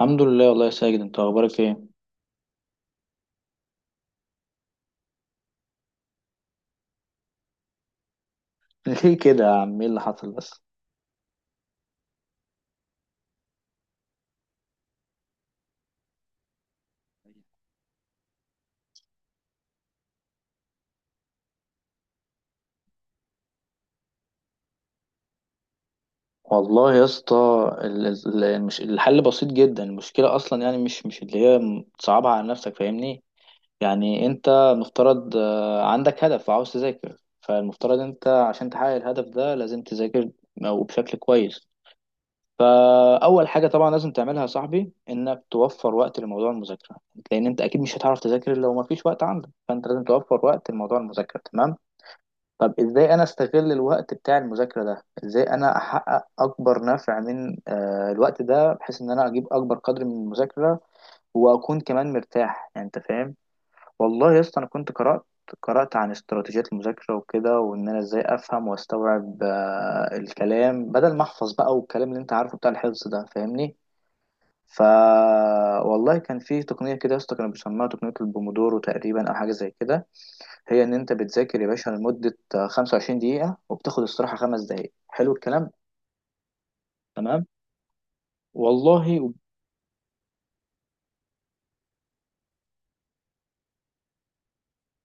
الحمد لله والله يا ساجد انت اخبارك ايه؟ ليه كده يا عم؟ ايه اللي حصل بس؟ والله يا اسطى، الحل بسيط جدا. المشكله اصلا يعني مش اللي هي تصعبها على نفسك، فاهمني؟ يعني انت مفترض، عندك هدف وعاوز تذاكر، فالمفترض انت عشان تحقق الهدف ده لازم تذاكر وبشكل كويس. فاول حاجه طبعا لازم تعملها يا صاحبي انك توفر وقت لموضوع المذاكره، لان انت اكيد مش هتعرف تذاكر لو ما فيش وقت عندك، فانت لازم توفر وقت لموضوع المذاكره، تمام؟ طب ازاي انا استغل الوقت بتاع المذاكرة ده؟ ازاي انا احقق اكبر نفع من الوقت ده بحيث ان انا اجيب اكبر قدر من المذاكرة واكون كمان مرتاح، يعني انت فاهم. والله يا اسطى انا كنت قرأت عن استراتيجيات المذاكرة وكده، وان انا ازاي افهم واستوعب الكلام بدل ما احفظ بقى، والكلام اللي انت عارفه بتاع الحفظ ده، فاهمني؟ ف والله كان في تقنية كده يا اسطى كانوا بيسموها تقنية البومودورو تقريبا، او حاجة زي كده. هي ان انت بتذاكر يا باشا لمدة 25 دقيقة وبتاخد استراحة خمس دقايق، حلو الكلام؟ تمام. والله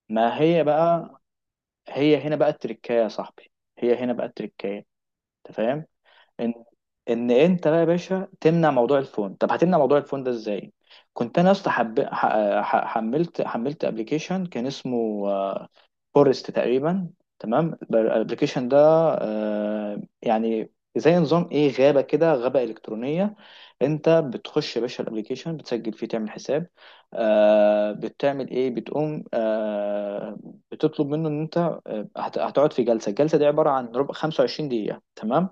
ما هي بقى، هي هنا بقى التركاية يا صاحبي، هي هنا بقى التركاية، انت فاهم؟ ان ان انت بقى يا باشا تمنع موضوع الفون. طب هتمنع موضوع الفون ده ازاي؟ كنت انا اصلا حملت ابلكيشن كان اسمه فورست تقريبا. تمام، الابلكيشن ده يعني زي نظام ايه، غابه كده، غابه الكترونيه. انت بتخش يا باشا الابلكيشن، بتسجل فيه، تعمل حساب. بتعمل ايه، بتقوم بتطلب منه ان انت هتقعد في جلسه، الجلسه دي عباره عن ربع 25 دقيقه، تمام؟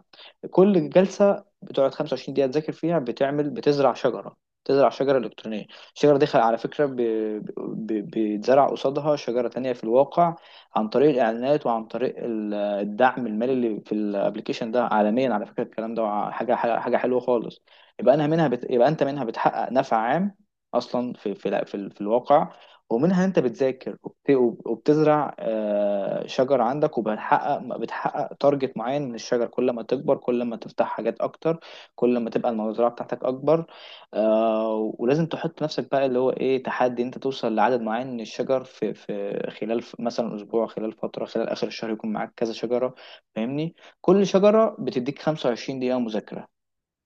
كل جلسه بتقعد 25 دقيقه تذاكر فيها، بتزرع شجره، تزرع شجره الكترونيه. الشجره دي على فكره، بيتزرع قصادها شجره تانية في الواقع عن طريق الاعلانات وعن طريق الدعم المالي اللي في الابلكيشن ده عالميا. على فكره الكلام ده حاجه حاجه حاجة حلوه خالص. يبقى انت منها بتحقق نفع عام اصلا في في الواقع، ومنها وبتزرع شجر عندك، بتحقق تارجت معين من الشجر. كل ما تكبر كل ما تفتح حاجات اكتر، كل ما تبقى المزرعه بتاعتك اكبر. ولازم تحط نفسك بقى اللي هو ايه، تحدي، انت توصل لعدد معين من الشجر في في خلال مثلا اسبوع، خلال فتره، خلال اخر الشهر يكون معاك كذا شجره، فاهمني؟ كل شجره بتديك 25 دقيقه مذاكره.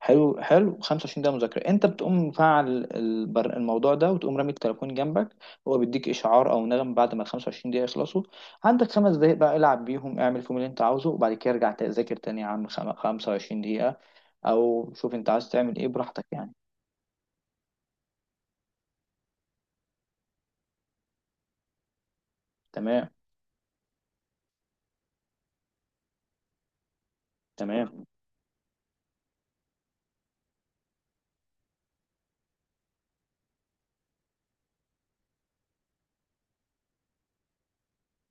حلو، حلو. 25 دقيقه مذاكره، انت بتقوم مفعل الموضوع ده وتقوم رامي التليفون جنبك. هو بيديك اشعار او نغم بعد ما ال 25 دقيقه يخلصوا، عندك خمس دقايق بقى العب بيهم، اعمل فيهم اللي انت عاوزه، وبعد كده ارجع تذاكر تاني يا عم، 25 دقيقه، او شوف انت عايز تعمل ايه براحتك يعني. تمام. تمام.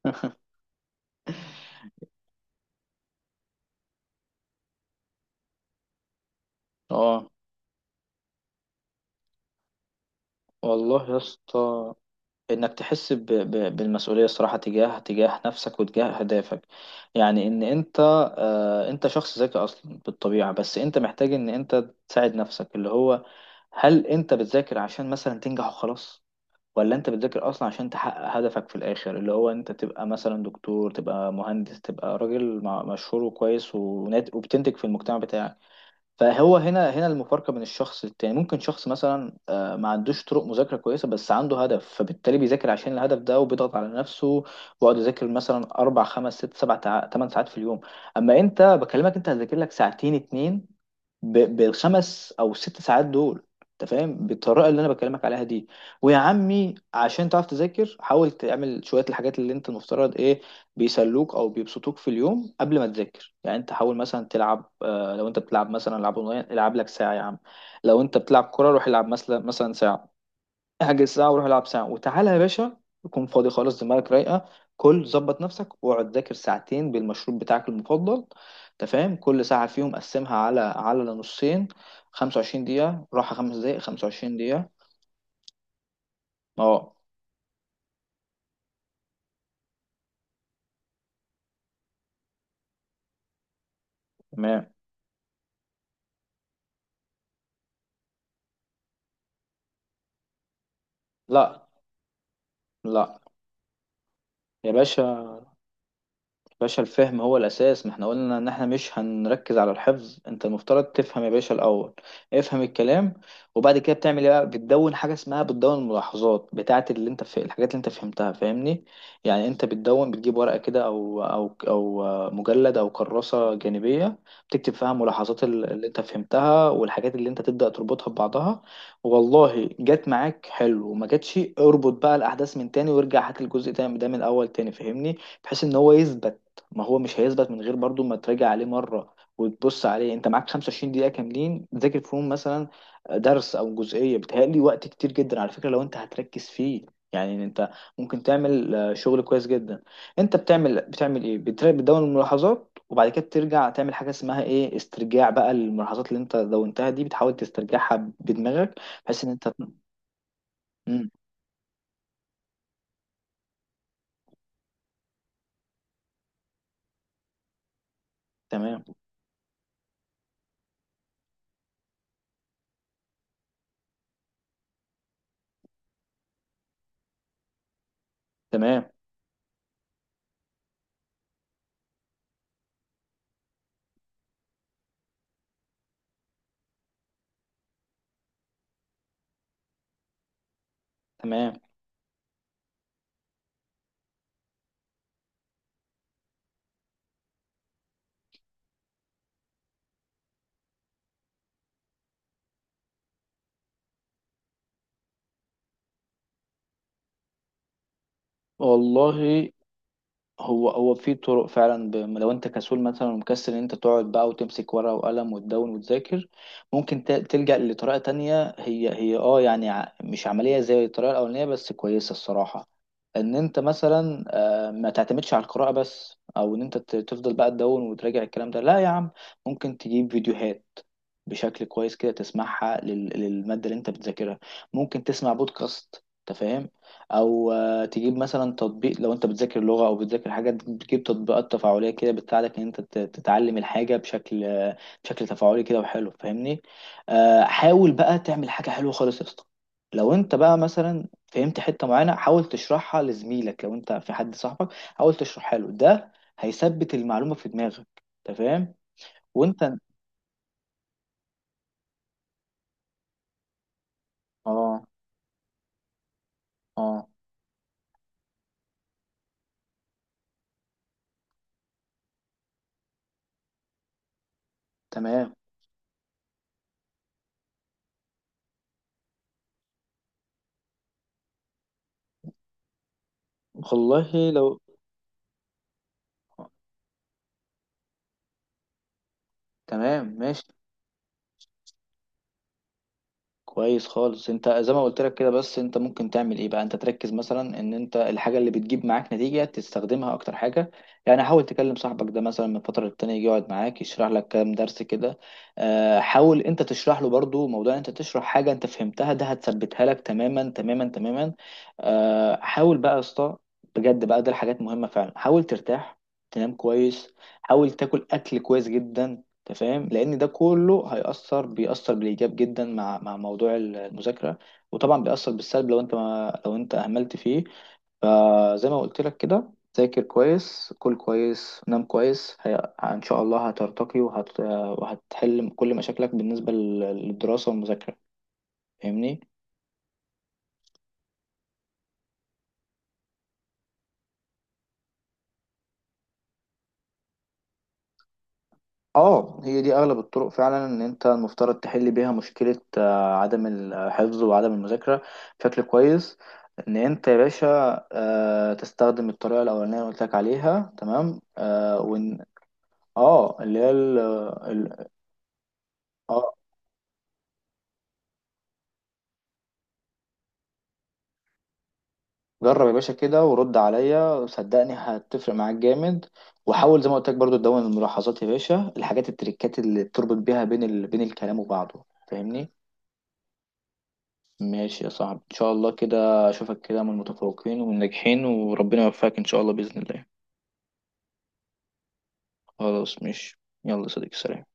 اه. والله يا اسطى، انك تحس بالمسؤوليه الصراحه تجاه نفسك وتجاه اهدافك، يعني ان انت انت شخص ذكي اصلا بالطبيعه، بس انت محتاج ان انت تساعد نفسك. اللي هو هل انت بتذاكر عشان مثلا تنجح وخلاص، ولا انت بتذاكر اصلا عشان تحقق هدفك في الاخر، اللي هو انت تبقى مثلا دكتور، تبقى مهندس، تبقى راجل مشهور وكويس وبتنتج في المجتمع بتاعك. فهو هنا المفارقة بين الشخص للتاني. ممكن شخص مثلا ما عندوش طرق مذاكرة كويسة، بس عنده هدف، فبالتالي بيذاكر عشان الهدف ده وبيضغط على نفسه، ويقعد يذاكر مثلا أربع خمس ست سبع تمن ساعات في اليوم. أما أنت بكلمك، أنت هتذاكر لك ساعتين اتنين بالخمس او ست ساعات دول، انت فاهم؟ بالطريقه اللي انا بكلمك عليها دي، ويا عمي عشان تعرف تذاكر حاول تعمل شويه الحاجات اللي انت المفترض ايه، بيسلوك او بيبسطوك في اليوم قبل ما تذاكر. يعني انت حاول مثلا تلعب، لو انت بتلعب مثلا العاب اونلاين، العب لك ساعه يا عم. لو انت بتلعب كوره، روح العب مثلا ساعه، احجز ساعة وروح العب ساعة وتعالى يا باشا، يكون فاضي خالص دماغك رايقة. كل ظبط نفسك واقعد ذاكر ساعتين بالمشروب بتاعك المفضل، انت فاهم؟ كل ساعة فيهم قسمها على نصين، 25 دقيقة راحة خمس دقايق 25 دقيقة. اه. تمام. لا لا يا باشا، باشا الفهم هو الأساس. ما احنا قلنا إن احنا مش هنركز على الحفظ، انت المفترض تفهم يا باشا الأول، افهم الكلام، وبعد كده بتعمل ايه بقى، بتدون حاجة اسمها، بتدون الملاحظات بتاعة اللي انت في الحاجات اللي انت فهمتها، فاهمني؟ يعني انت بتدون، بتجيب ورقة كده أو أو أو مجلد أو كراسة جانبية، بتكتب فيها ملاحظات اللي انت فهمتها والحاجات اللي انت تبدأ تربطها ببعضها. والله جت معاك حلو، وما جاتش اربط بقى الأحداث من تاني وارجع هات الجزء ده من الأول تاني، فاهمني؟ بحيث ان هو يثبت، ما هو مش هيثبت من غير برضو ما تراجع عليه مرة وتبص عليه. انت معاك 25 دقيقة كاملين تذاكر فيهم مثلا درس او جزئية، بتهيألي وقت كتير جدا على فكرة لو انت هتركز فيه. يعني انت ممكن تعمل شغل كويس جدا. انت بتعمل ايه، بتدون الملاحظات، وبعد كده بترجع تعمل حاجة اسمها ايه، استرجاع بقى الملاحظات اللي انت دونتها دي، بتحاول تسترجعها بدماغك، بحيث ان انت مم. تمام. تمام. تمام. والله هو في طرق فعلا، لو انت كسول مثلا ومكسل ان انت تقعد بقى وتمسك ورقة وقلم وتدون وتذاكر، ممكن تلجأ لطريقة تانية، هي اه يعني مش عملية زي الطريقة الأولانية بس كويسة الصراحة. ان انت مثلا ما تعتمدش على القراءة بس، او ان انت تفضل بقى تدون وتراجع الكلام ده. لا يا عم، ممكن تجيب فيديوهات بشكل كويس كده تسمعها للمادة اللي انت بتذاكرها، ممكن تسمع بودكاست، انت فاهم، او تجيب مثلا تطبيق، لو انت بتذاكر لغة او بتذاكر حاجة تجيب تطبيقات تفاعلية كده بتساعدك ان انت تتعلم الحاجة بشكل تفاعلي كده وحلو، فاهمني؟ حاول بقى تعمل حاجة حلوة خالص يا اسطى، لو انت بقى مثلا فهمت حتة معينة حاول تشرحها لزميلك، لو انت في حد صاحبك حاول تشرحها له، ده هيثبت المعلومة في دماغك، انت فاهم؟ وانت. اه. اه. تمام. والله لو، آه، تمام ماشي. كويس خالص انت زي ما قلت لك كده، بس انت ممكن تعمل ايه بقى، انت تركز مثلا ان انت الحاجه اللي بتجيب معاك نتيجه تستخدمها اكتر حاجه. يعني حاول تكلم صاحبك ده مثلا من فتره للتانيه يجي يقعد معاك يشرح لك كام درس كده. اه، حاول انت تشرح له برضو، موضوع ان انت تشرح حاجه انت فهمتها ده هتثبتها لك تماما تماما تماما. اه، حاول بقى يا اسطى بجد بقى، ده الحاجات مهمه فعلا. حاول ترتاح، تنام كويس، حاول تاكل اكل كويس جدا، انت فاهم؟ لان ده كله هيأثر، بيأثر بالإيجاب جدا مع موضوع المذاكرة، وطبعا بيأثر بالسلب لو انت ما لو انت أهملت فيه. فزي ما قلت لك كده، ذاكر كويس، كل كويس، نام كويس. ان شاء الله هترتقي وهتحل كل مشاكلك بالنسبة للدراسة والمذاكرة، فاهمني؟ اه، هي دي اغلب الطرق فعلا ان انت المفترض تحل بيها مشكلة عدم الحفظ وعدم المذاكرة بشكل كويس. ان انت يا باشا تستخدم الطريقة الاولانية اللي قلت لك عليها، تمام؟ وان، اه، اللي هي ال- اه. جرب يا باشا كده ورد عليا، صدقني هتفرق معاك جامد. وحاول زي ما قلت لك برضو تدون الملاحظات يا باشا، الحاجات التريكات اللي بتربط بيها بين بين الكلام وبعضه، فاهمني؟ ماشي يا صاحبي، ان شاء الله كده اشوفك كده من المتفوقين والناجحين، وربنا يوفقك ان شاء الله باذن الله. خلاص ماشي، يلا يا صديقي، سلام.